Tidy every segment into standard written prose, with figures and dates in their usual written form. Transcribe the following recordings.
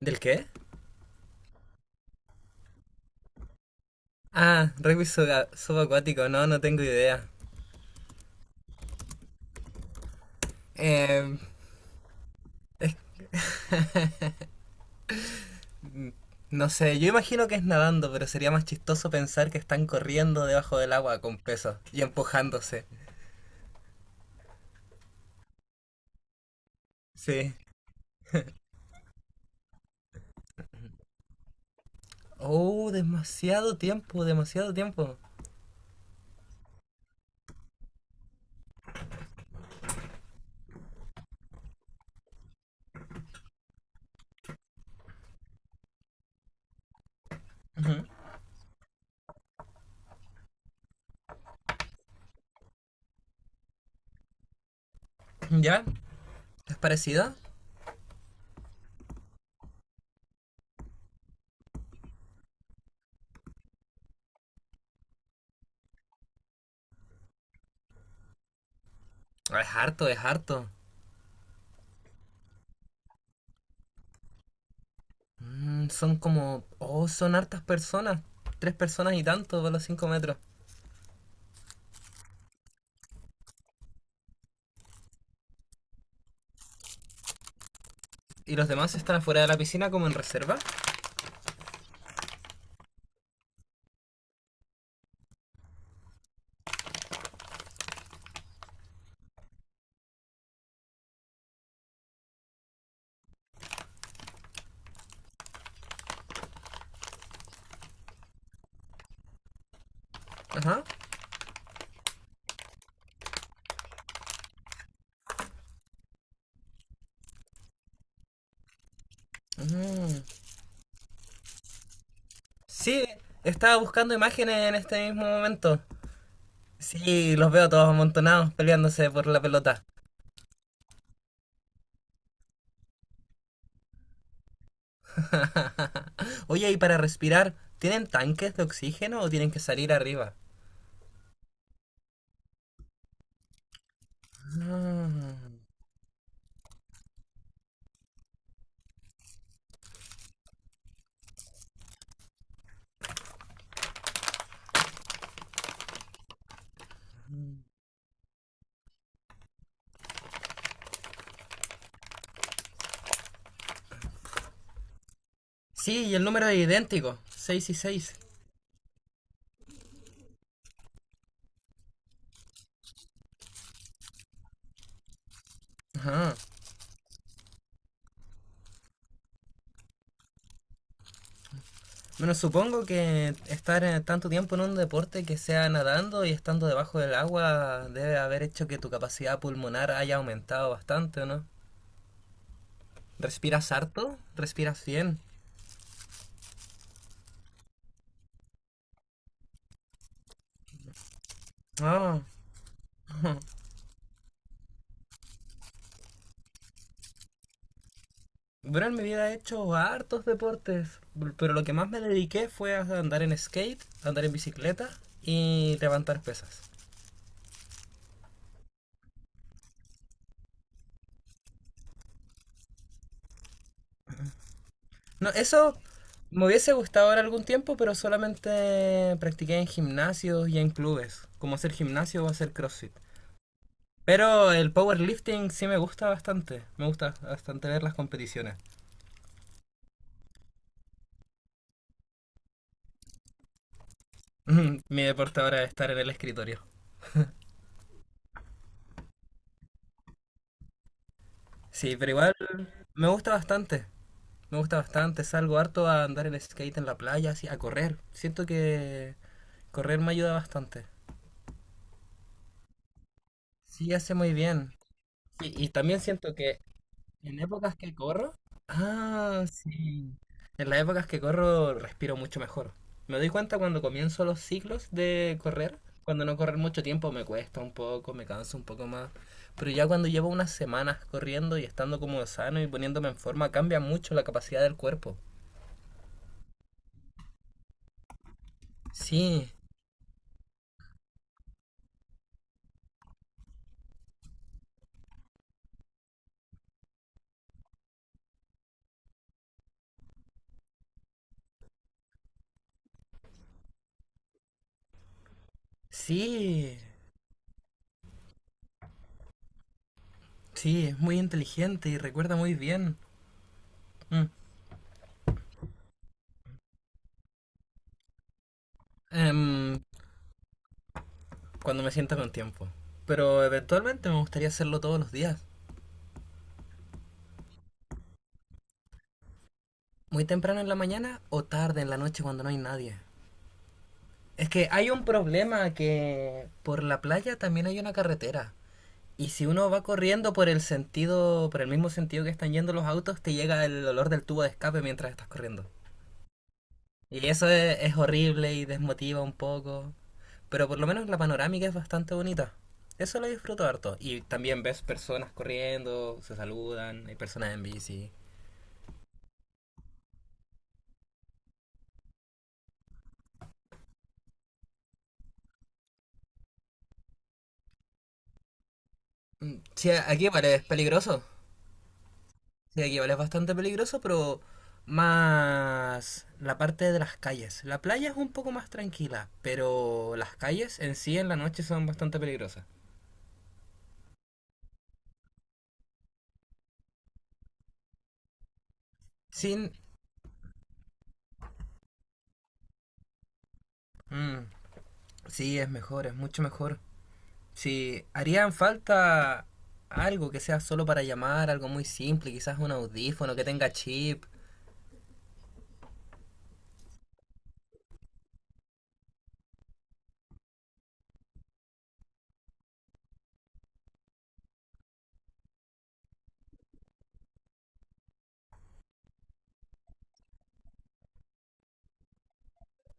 ¿Del qué? Ah, rugby subacuático, no, no tengo idea. Eh, no sé, yo imagino que es nadando, pero sería más chistoso pensar que están corriendo debajo del agua con peso y empujándose. Sí. Oh, demasiado tiempo, demasiado tiempo. ¿Ya? ¿Es parecido? Ah, es harto, es harto. Mm, son como... Oh, son hartas personas. Tres personas y tanto por los 5 metros. ¿Y los demás están afuera de la piscina como en reserva? Ajá. Mm. Sí, estaba buscando imágenes en este mismo momento. Sí, los veo todos amontonados peleándose por la pelota. Oye, ¿y para respirar, tienen tanques de oxígeno o tienen que salir arriba? Ah. Sí, y el número es idéntico, 6 y 6. Ajá. Bueno, supongo que estar tanto tiempo en un deporte que sea nadando y estando debajo del agua debe haber hecho que tu capacidad pulmonar haya aumentado bastante, ¿o no? ¿Respiras harto? ¿Respiras bien? Ah, bueno, me hubiera hecho hartos deportes, pero lo que más me dediqué fue a andar en skate, a andar en bicicleta y levantar pesas. No, eso me hubiese gustado ahora algún tiempo, pero solamente practiqué en gimnasios y en clubes, como hacer gimnasio o hacer CrossFit. Pero el powerlifting sí me gusta bastante ver las competiciones. Mi deporte ahora es estar en el escritorio. Sí, pero igual me gusta bastante. Me gusta bastante, salgo harto a andar en skate en la playa, así, a correr. Siento que correr me ayuda bastante. Sí, hace muy bien. Sí, y también siento que en épocas que corro, ah, sí, en las épocas que corro respiro mucho mejor. Me doy cuenta cuando comienzo los ciclos de correr, cuando no correr mucho tiempo me cuesta un poco, me canso un poco más, pero ya cuando llevo unas semanas corriendo y estando como sano y poniéndome en forma, cambia mucho la capacidad del cuerpo. Sí, sí, sí, es muy inteligente y recuerda muy bien. Mm. Em, Cuando me sienta con tiempo. Pero eventualmente me gustaría hacerlo todos los días. Muy temprano en la mañana o tarde en la noche cuando no hay nadie. Es que hay un problema que por la playa también hay una carretera. Y si uno va corriendo por el sentido, por el mismo sentido que están yendo los autos, te llega el olor del tubo de escape mientras estás corriendo. Y eso es horrible y desmotiva un poco. Pero por lo menos la panorámica es bastante bonita. Eso lo disfruto harto. Y también ves personas corriendo, se saludan, hay personas en bici. Mm, sí, aquí vale, es peligroso. Sí, aquí vale, es bastante peligroso, pero más la parte de las calles. La playa es un poco más tranquila, pero las calles en sí en la noche son bastante peligrosas. Sí, mm, sí, es mejor, es mucho mejor. Si harían falta algo que sea solo para llamar, algo muy simple, quizás un audífono que tenga chip.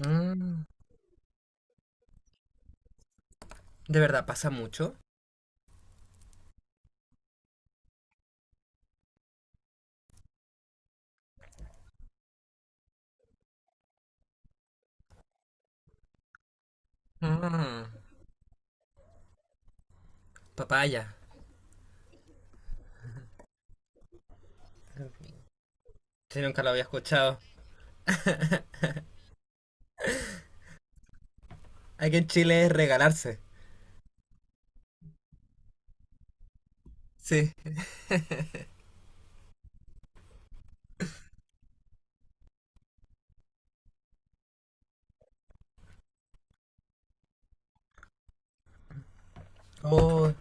Mm. ¿De verdad pasa mucho? Ah, papaya. Yo nunca lo había escuchado. Aquí en Chile es regalarse. Sí. Oh,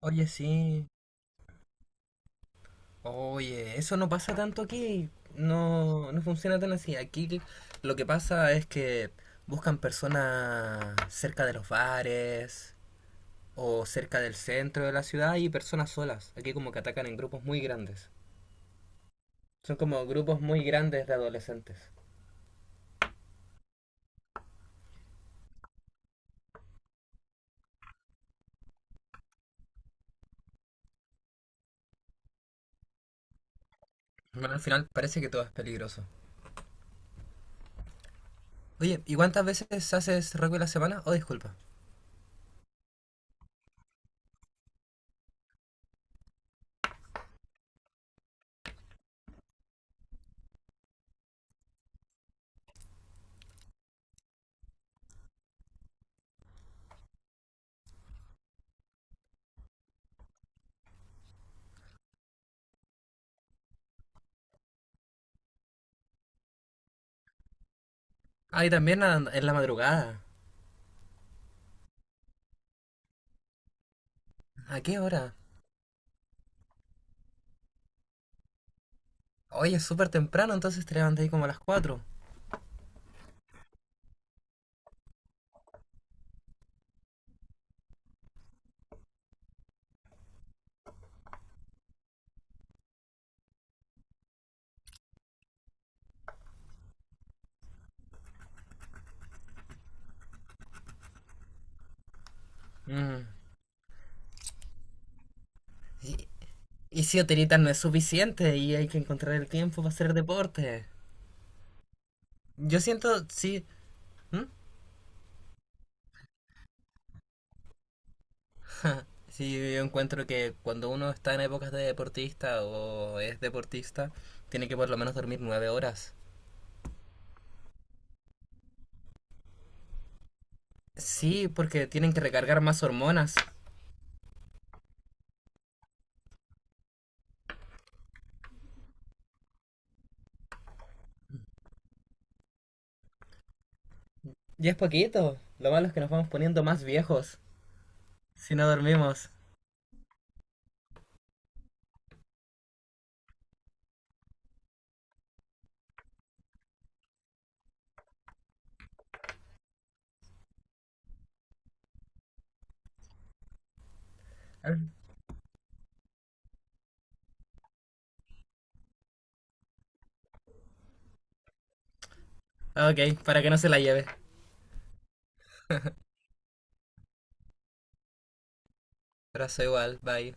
oye, sí. Oye, eso no pasa tanto aquí. No, no funciona tan así. Aquí lo que pasa es que buscan personas cerca de los bares, o cerca del centro de la ciudad hay personas solas. Aquí como que atacan en grupos muy grandes. Son como grupos muy grandes de adolescentes. Bueno, al final parece que todo es peligroso. Oye, ¿y cuántas veces haces rugby a la semana? Oh, disculpa. Ah, y también en la madrugada. ¿A qué hora? Oye, es súper temprano, entonces te levantas ahí como a las 4. Mm. Y, y si hotelita no es suficiente y hay que encontrar el tiempo para hacer deporte. Yo siento, sí. ¿Mm? Sí, yo encuentro que cuando uno está en épocas de deportista o es deportista, tiene que por lo menos dormir 9 horas. Sí, porque tienen que recargar más hormonas. Y es poquito. Lo malo es que nos vamos poniendo más viejos si no dormimos. Ok, para que no se la lleve. Abrazo igual, bye.